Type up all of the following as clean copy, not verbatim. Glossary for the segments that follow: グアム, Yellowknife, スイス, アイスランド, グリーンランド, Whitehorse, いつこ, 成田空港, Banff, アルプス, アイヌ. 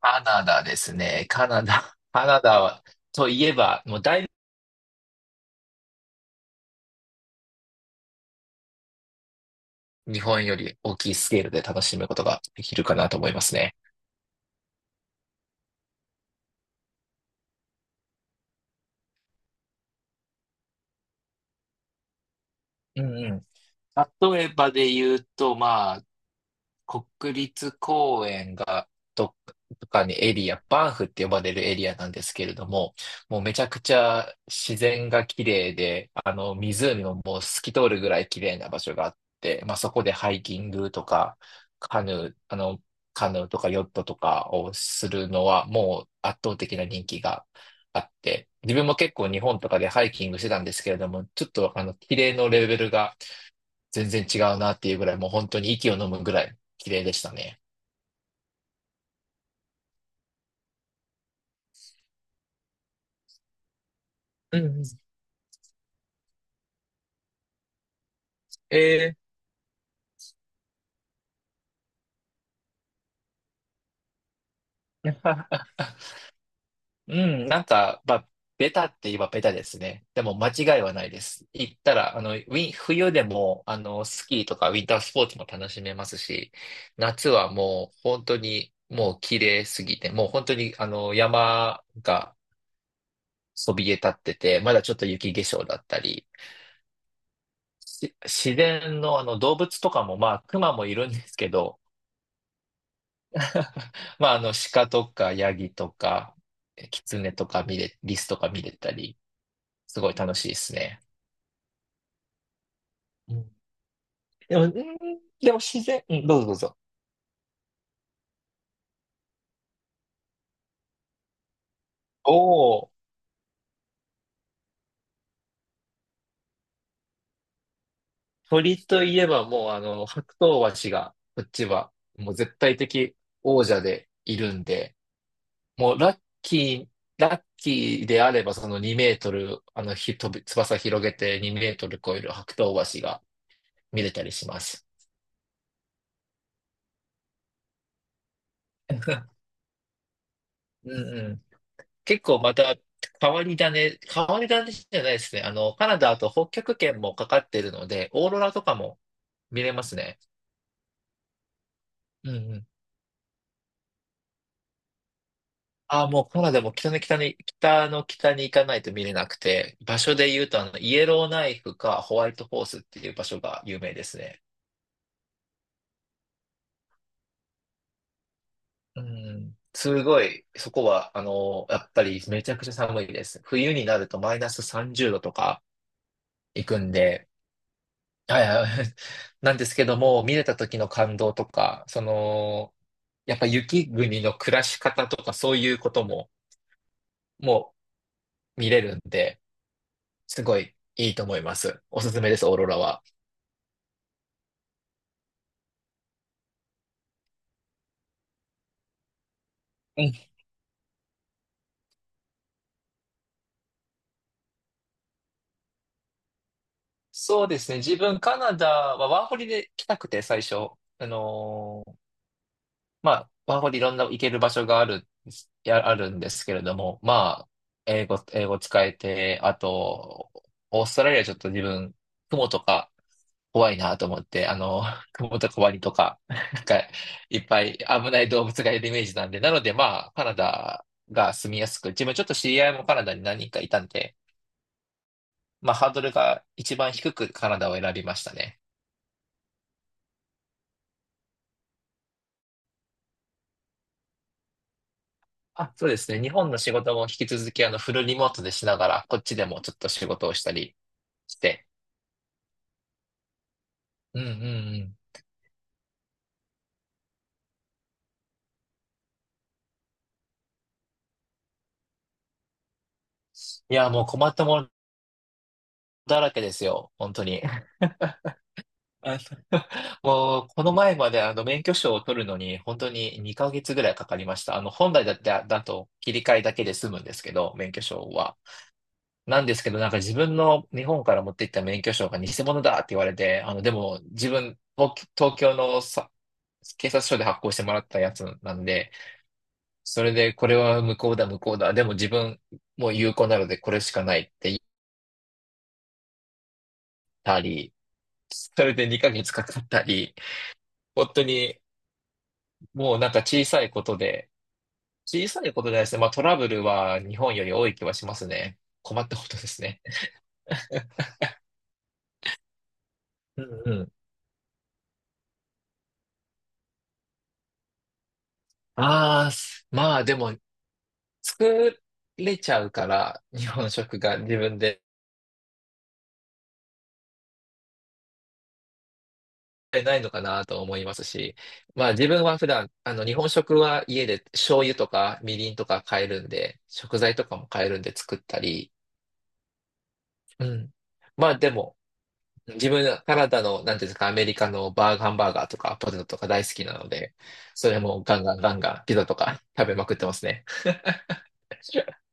カナダですね。カナダ。カナダは、といえば、もうだいぶ日本より大きいスケールで楽しむことができるかなと思いますね。うんうん。例えばで言うと、まあ、国立公園がどっかにエリア、バンフって呼ばれるエリアなんですけれども、もうめちゃくちゃ自然が綺麗で、あの湖ももう透き通るぐらい綺麗な場所があって、まあ、そこでハイキングとか、カヌー、あの、カヌーとかヨットとかをするのはもう圧倒的な人気があって、自分も結構日本とかでハイキングしてたんですけれども、ちょっと、綺麗のレベルが全然違うなっていうぐらい、もう本当に息を飲むぐらい綺麗でしたね。うんうん。えー、うまあ、ベタって言えばベタですね。でも間違いはないです。行ったら、あの、ウィン、冬でも、あの、スキーとかウィンタースポーツも楽しめますし、夏はもう本当にもう綺麗すぎて、もう本当にあの、山がそびえ立ってて、まだちょっと雪化粧だったり、し自然のあの動物とかも、まあ、熊もいるんですけど、まあ、あの、鹿とか、ヤギとか、キツネとか見れ、リスとか見れたり、すごい楽しいですね。うん、でも、うんでも自然、うん、どうぞどうぞ。おお、鳥といえばもう、あの、白頭鷲が、こっちは、もう絶対的王者でいるんで、もうラッキー、ラッキーであれば、その2メートル、あの、ひ、飛び、翼広げて2メートル超える白頭鷲が見れたりします。うんうん。結構また変わり種じゃないですね。あの、カナダあと北極圏もかかってるので、オーロラとかも見れますね。うんうん。ああ、もうカナダも北の北に行かないと見れなくて、場所で言うとあの、イエローナイフかホワイトホースっていう場所が有名ですね。うん。すごい、そこは、あの、やっぱりめちゃくちゃ寒いです。冬になるとマイナス30度とか行くんで、はいはい。なんですけども、見れた時の感動とか、その、やっぱ雪国の暮らし方とかそういうこともも見れるんで、すごいいいと思います。おすすめです、オーロラは。うん。そうですね。自分、カナダはワーホリで来たくて、最初。あのーまあ、ワーホリいろんな行ける場所がある、やあるんですけれども、まあ、英語使えて、あと、オーストラリアちょっと自分、雲とか怖いなと思って、あの、雲とかワニとか、なんか、いっぱい危ない動物がいるイメージなんで、なのでまあ、カナダが住みやすく、自分ちょっと知り合いもカナダに何人かいたんで、まあ、ハードルが一番低くカナダを選びましたね。あ、そうですね。日本の仕事も引き続き、あの、フルリモートでしながら、こっちでもちょっと仕事をしたりして。うんうんうん。いや、もう困ったものだらけですよ。本当に。あもう、この前まであの、免許証を取るのに、本当に2ヶ月ぐらいかかりました。あの、本来だって、だと切り替えだけで済むんですけど、免許証は。なんですけど、なんか自分の日本から持って行った免許証が偽物だって言われて、あの、でも自分、東京のさ警察署で発行してもらったやつなんで、それで、これは無効だ、無効だ。でも自分もう有効なのでこれしかないって言ったり、それで2ヶ月かかったり、本当にもう小さいことじゃないですね。まあトラブルは日本より多い気はしますね。困ったことですね。うんうん。まあでも作れちゃうから、日本食が自分で。りないのかなと思いますし、まあ自分は普段、あの日本食は家で醤油とかみりんとか買えるんで、食材とかも買えるんで作ったり、うん。まあでも、自分、カナダの、なんていうんですか、アメリカのバーガーハンバーガーとかポテトとか大好きなので、それもガンガンガンガンピザとか食べまくってますね。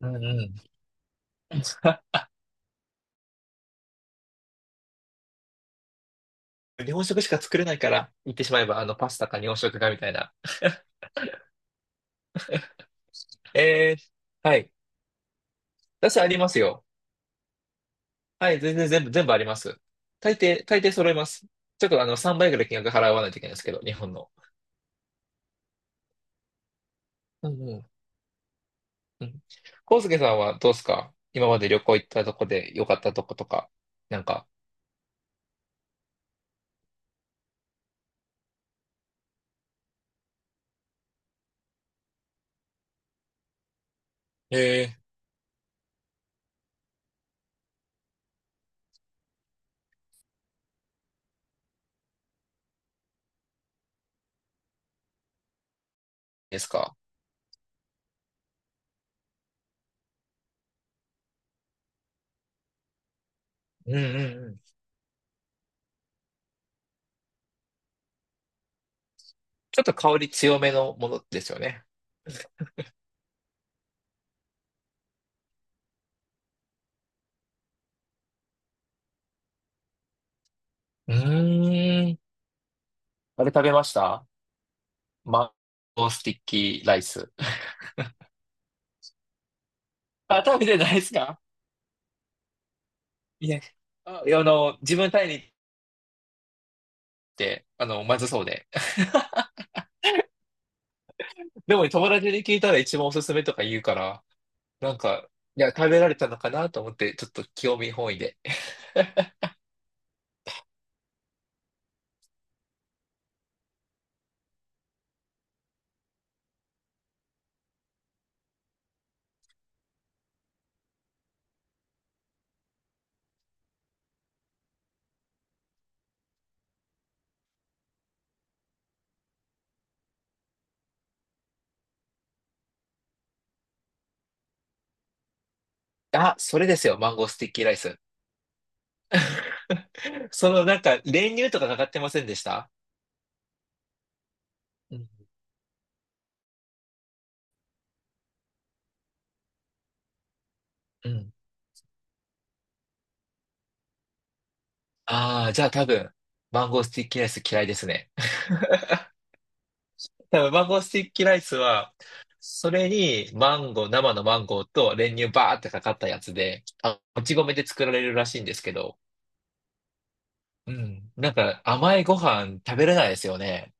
うんうん。日本食しか作れないから、言ってしまえば、あの、パスタか日本食かみたいな。えー、はい。私ありますよ。はい、全然全部あります。大抵揃えます。ちょっとあの、3倍ぐらい金額払わないといけないですけど、日本の。うんうん。うん。康介さんはどうですか？今まで旅行行ったとこで良かったとことか、なんか、へえ。ですか？うんうんうん。ちょっと香り強めのものですよね。うーん。あれ食べました？マンゴースティッキーライス。あ、食べてないですか？いや、あ、いやあの、自分タイに行って、あの、まずそうで。でも友達に聞いたら一番おすすめとか言うから、なんか、いや、食べられたのかなと思って、ちょっと興味本位で。あ、それですよ、マンゴースティッキーライス。そのなんか、練乳とかかかってませんでした？うん。うん。ああ、じゃあ多分、マンゴースティッキーライス嫌いですね。多分、マンゴースティッキーライスは、それに、マンゴー、生のマンゴーと練乳バーってかかったやつで、あ、もち米で作られるらしいんですけど、うん。なんか、甘いご飯食べれないですよね。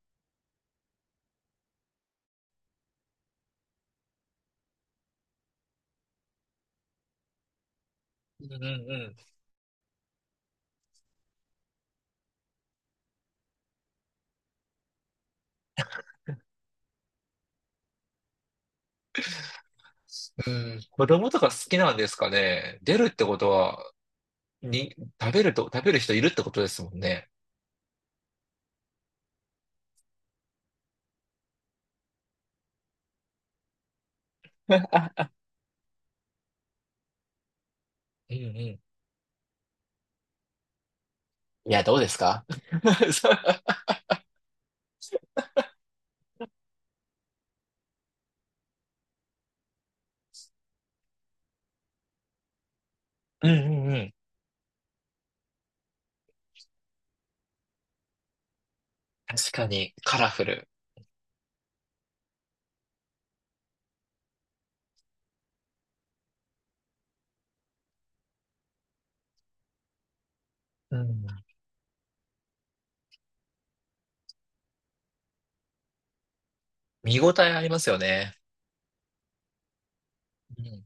うんうんうん。うん、子供とか好きなんですかね。出るってことは、に、食べる人いるってことですもんね。うんうん。いや、どうですか？ そううんうんうん。確かに、カラフル。うん。見応えありますよね。うん。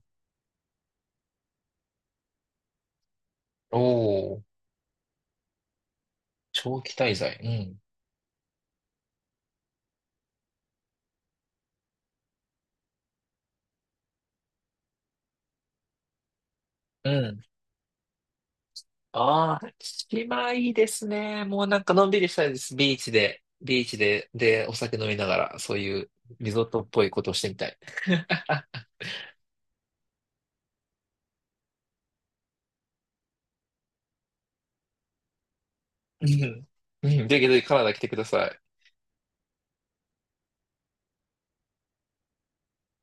おお、長期滞在。うん。うん。ああ、島いいですね。もうなんかのんびりしたいです。ビーチで、で、お酒飲みながら、そういうリゾートっぽいことをしてみたい。うん。うんぜひぜひカナダ来てください。